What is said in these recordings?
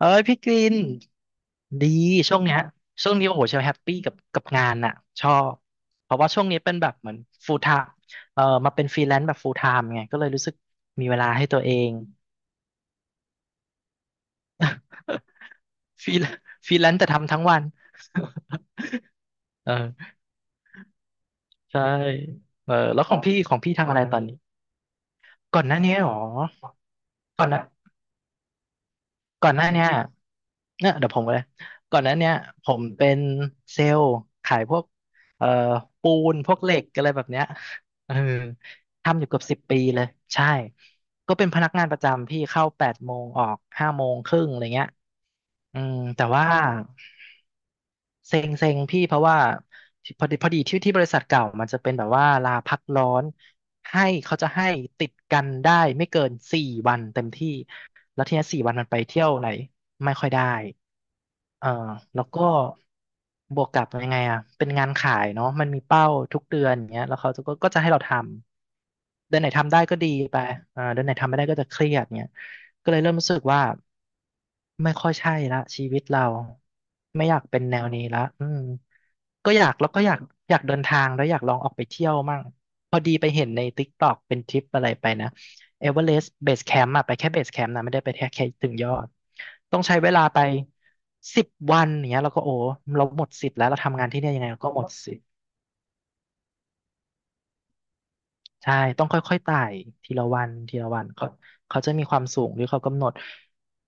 เอ้ยพี่กลินดีช่วงเนี้ยช่วงนี้โอ้โหเชลแฮปปี้กับงานน่ะชอบเพราะว่าช่วงนี้เป็นแบบเหมือน full time มาเป็นฟรีแลนซ์แบบ full time ไงก็เลยรู้สึกมีเวลาให้ตัวเอง ฟรีฟรีแลนซ์แต่ทำทั้งวัน เออใช่เออแล้วของพี่ทำอะไรตอนนี้ก่อนหน้านี้หรอก่อนหนะ ก่อนหน้าเนี้ยเนี่ยเดี๋ยวผมก็เลย ก่อนหน้าเนี้ยผมเป็นเซลล์ขายพวกเอ่อปูนพวกเหล็กอะไรแบบเนี้ยเออทำอยู่เกือบ10 ปีเลย ใช่ ก็เป็นพนักงานประจำพี่เข้า8 โมงออก5 โมงครึ่งอะไรเงี้ยอืมแต่ว่า เซ็งเซ็งพี่เพราะว่าพอดีที่บริษัทเก่ามันจะเป็นแบบว่าลาพักร้อนให้เขาจะให้ติดกันได้ไม่เกินสี่วันเต็มที่แล้วทีเนี้สี่วันมันไปเที่ยวไหนไม่ค่อยได้เออแล้วก็บวกกับยังไงอ่ะเป็นงานขายเนาะมันมีเป้าทุกเดือนอย่างเงี้ยแล้วเขาก็จะให้เราทำเดือนไหนทำได้ก็ดีไปอ่าเดือนไหนทำไม่ได้ก็จะเครียดเงี้ย ก็เลยเริ่มรู้สึกว่าไม่ค่อยใช่ละชีวิตเราไม่อยากเป็นแนวนี้ละอืมก็อยากแล้วก็อยากอยากเดินทางแล้วอยากลองออกไปเที่ยวมั่งพอดีไปเห็นใน TikTok เป็นทริปอะไรไปนะเอเวอเรสต์เบสแคมป์อะไปแค่เบสแคมป์นะไม่ได้ไปแค่ถึงยอดต้องใช้เวลาไป10 วันอย่างเนี้ยเราก็โอ้เราหมดสิทธิ์แล้วเราทำงานที่เนี่ยยังไงเราก็หมดสิทธิ์ ใช่ต้องค่อยๆไต่ทีละวันทีละวันเขาเขาจะมีความสูงที่เขากำหนด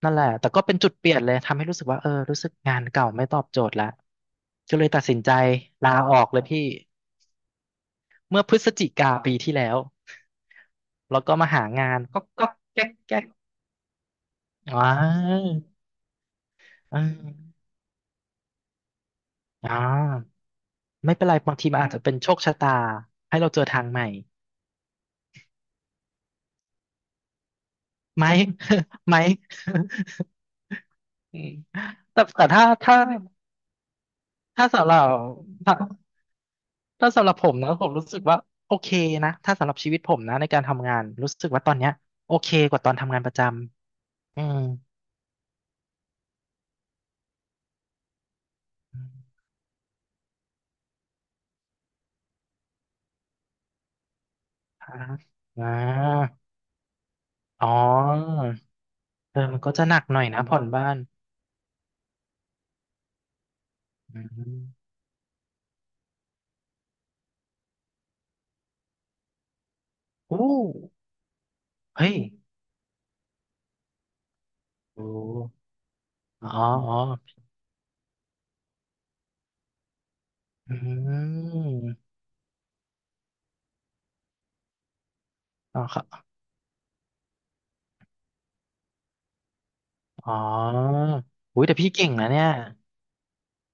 นั่นแหละ แต่ก็เป็นจุดเปลี่ยนเลยทำให้รู้สึกว่าเออรู้สึกงานเก่าไม่ตอบโจทย์ละก็เลยตัดสินใจลาออกเลยพี่เมื่อพฤศจิกาปีที่แล้วแล้วก็มาหางานก็แก๊กแก๊กอ๋อเอ่ออไม่เป็นไรบางทีมันอาจจะเป็นโชคชะตาให้เราเจอทางใหม่ไหม ไหม อืม แต่ถ้า ถ้าสำหรับถ้าถ้าสำหรับผมนะผมรู้สึกว่าโอเคนะถ้าสำหรับชีวิตผมนะในการทำงานรู้สึกว่าตอนเนี้ยโอเคกว่าตอนทำงานประจำอืมอ่าอ่าอ๋อเออมันก็จะหนักหน่อยนะผ่อนบ้านอืมอู้เฮ้ยโอ้อ๋ออ๋ออืมอ๋อครับอ๋ออุ้ยแต่พี่เก่งนะเนี่ย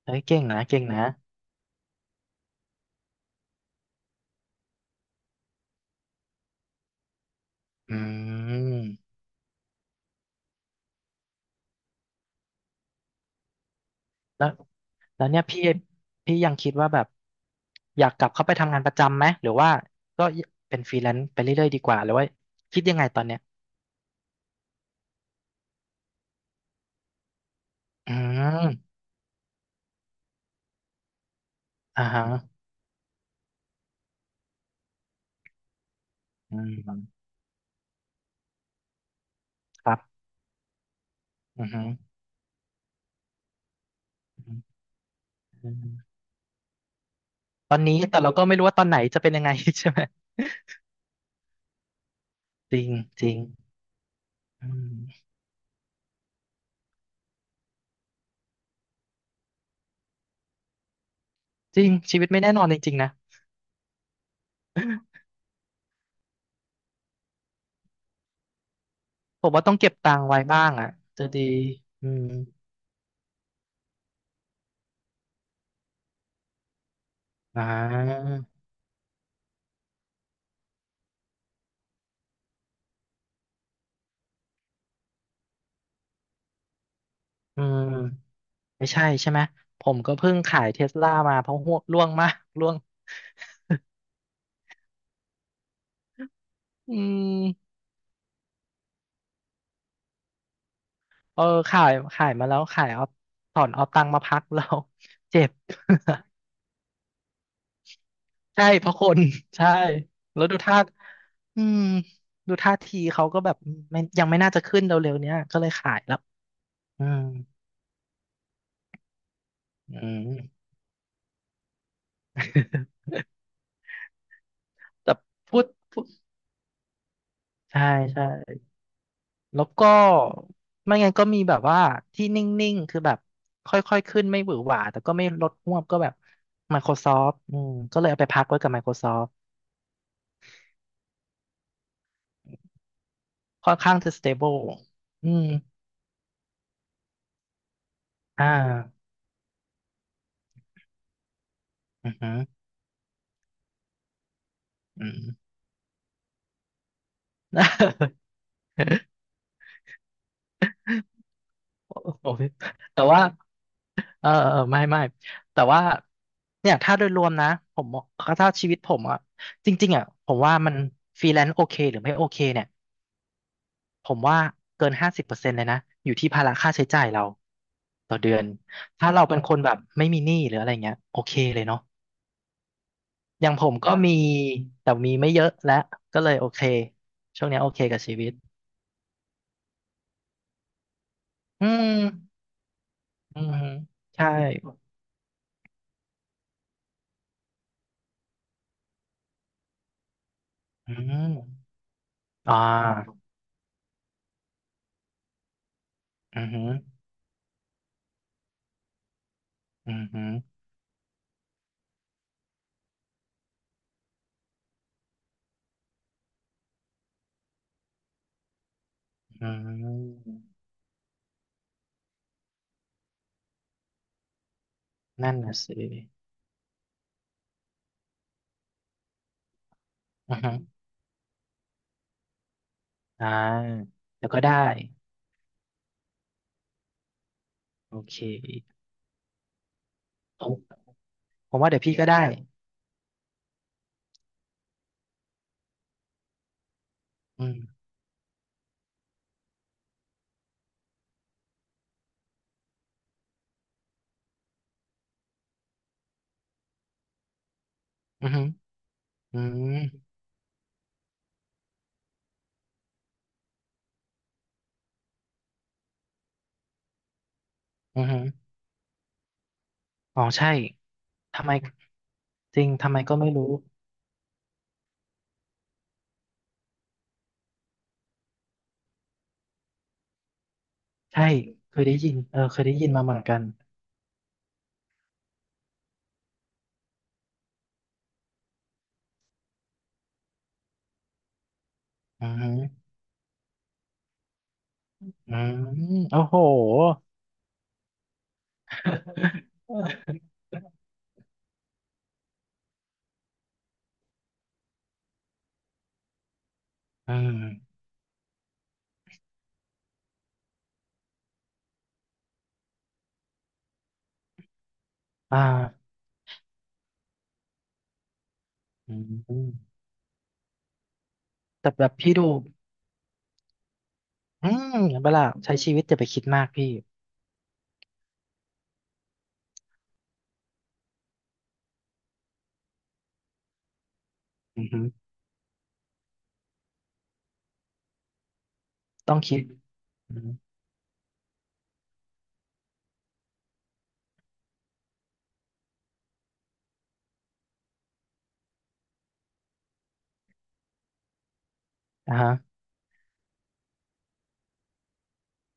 เฮ้ยเก่งนะเก่งนะอืม แล้วแล้วเนี่ยพี่ยังคิดว่าแบบอยากกลับเข้าไปทำงานประจำไหมหรือว่าก็เป็นฟรีแลนซ์ไปเรื่อยๆดีกว่าหรือว่าคิดยังไงตอนเนี้ยอืมอ่าฮะอืมครับอือฮึอืมอืมตอนนี้แต่เราก็ไม่รู้ว่าตอนไหนจะเป็นยังไง ใช่ไหมจริงจริงอืมจริงชีวิตไม่แน่นอนจริงๆนะผมว่าต้องเก็บตังค์ไว้บ้างอ่ะจะดีอืมอ่าอืมไม่ใช่ใช่ไหมผมก็เพิ่งขายเทสลามาเพราะห่วงร่วงมากร่วง อืมเออขายขายมาแล้วขายเอาถอนเอาตังค์มาพักแล้ว เจ็บ ใช่เพราะคนใช่แล้วดูท่าอืมดูท่าทีเขาก็แบบไม่ยังไม่น่าจะขึ้นเร็วๆเนี้ยก็เลยขายแล้วอืม อืม แต่พูดพูดใช่ใช่แล้วก็ไม่งั้นก็มีแบบว่าที่นิ่งๆคือแบบค่อยๆขึ้นไม่หวือหวาแต่ก็ไม่ลดฮวบก็แบบ Microsoft อืมก็เลยเอาไปพักไว้กับ Microsoft ค่อนข้างจะ stable อืมอ่าอือหืออืม โอโหแต่ว่าเออเออไม่แต่ว่าเนี่ยถ้าโดยรวมนะผมมองถ้าชีวิตผมอะจริงๆอะผมว่ามันฟรีแลนซ์โอเคหรือไม่โอเคเนี่ยผมว่าเกิน50%เลยนะอยู่ที่ภาระค่าใช้จ่ายเราต่อเดือนถ้าเราเป็นคนแบบไม่มีหนี้หรืออะไรเงี้ยโอเคเลยเนาะอย่างผมก็มีแต่มีไม่เยอะและก็เลยโอเคช่วงเนี้ยโอเคกับชีวิต อืมอืมฮึใช่อืมอ่าอืมฮึอืมฮึอืมนั่นน่ะสิอืมฮึอ่าเดี๋ยวก็ได้ โอเคผมผมว่าเดี๋ยวพี่ก็ได้อืมอืมฮึอืมอืมฮึอ๋อใช่ ทำไมจริงทำไมก็ไม่รู้ ใช่ เคยได้ยิน เออเคยได้ยินมาเหมือนกันอืมฮึอืมโอ้โห อืมอ่าอืม แต่แบบพี่ดูอืมเห็นปะล่ะใช้ชีวิตจะไปคิดมากพี่อือฮึต้องคิดอืมอ่าฮะ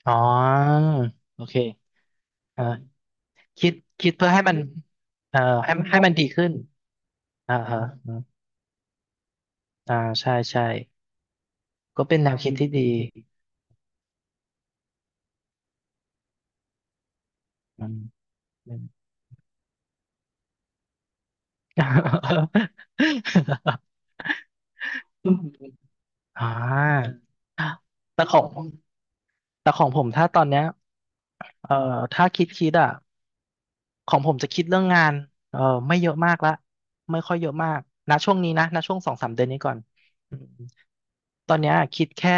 อ๋อโอเคอ่าคิดคิดเพื่อให้มันเอ่อให้มันดีขึ้นอ่าฮะอมอ่าใช่ใช่ก็เป็นแนวคิดที่ดีอืมอืม อ่าแต่ของแต่ของผมถ้าตอนเนี้ยเอ่อถ้าคิดอ่ะ ของผมจะคิดเรื่องงานเออไม่เยอะมากละไม่ค่อยเยอะมากนะช่วงนี้นะนะช่วงสองสามเดือนนี้ก่อนอืมตอนเนี้ยคิดแค่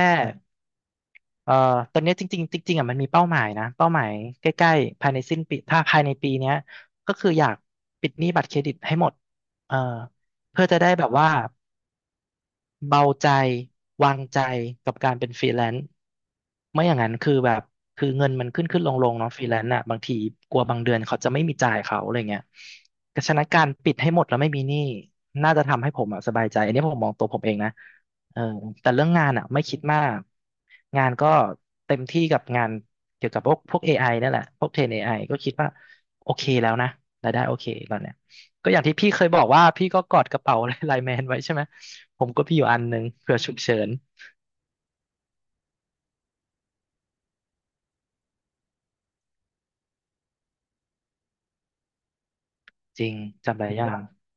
เออตอนเนี้ยจริงๆจริงๆอ่ะมันมีเป้าหมายนะเป้าหมายใกล้ๆภายในสิ้นปีถ้าภายในปีเนี้ยก็คืออยากปิดหนี้บัตรเครดิตให้หมดเออเพื่อจะได้แบบว่า เบาใจวางใจกับการเป็นฟรีแลนซ์ไม่อย่างนั้นคือแบบคือเงินมันขึ้นขึ้นลงลงเนาะฟรีแลนซ์อ่ะบางทีกลัวบางเดือนเขาจะไม่มีจ่ายเขาอะไรเงี้ยก็ฉะนั้นการปิดให้หมดแล้วไม่มีหนี้น่าจะทำให้ผมอะสบายใจอันนี้ผมมองตัวผมเองนะเออแต่เรื่องงานอ่ะไม่คิดมากงานก็เต็มที่กับงานเกี่ยวกับพวก AI นั่นแหละพวกเทรน AI ก็คิดว่าโอเคแล้วนะรายได้โอเคตอนเนี้ยก็อย่างที่พี่เคยบอกว่าพี่ก็กอดกระเป๋า ไลน์แมนไว้ใช่ไหม ผมก็พี่อยู่อันหนึ่งเผื่อฉุกเฉินจริงจำได้รยัง่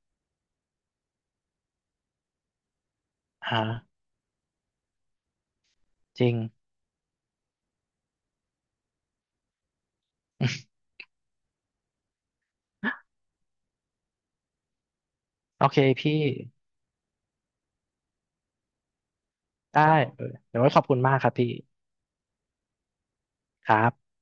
ฮะจริง โอเคพี่ได้เออเดี๋ยวไว้ขอบคุณมากครับพี่ครับ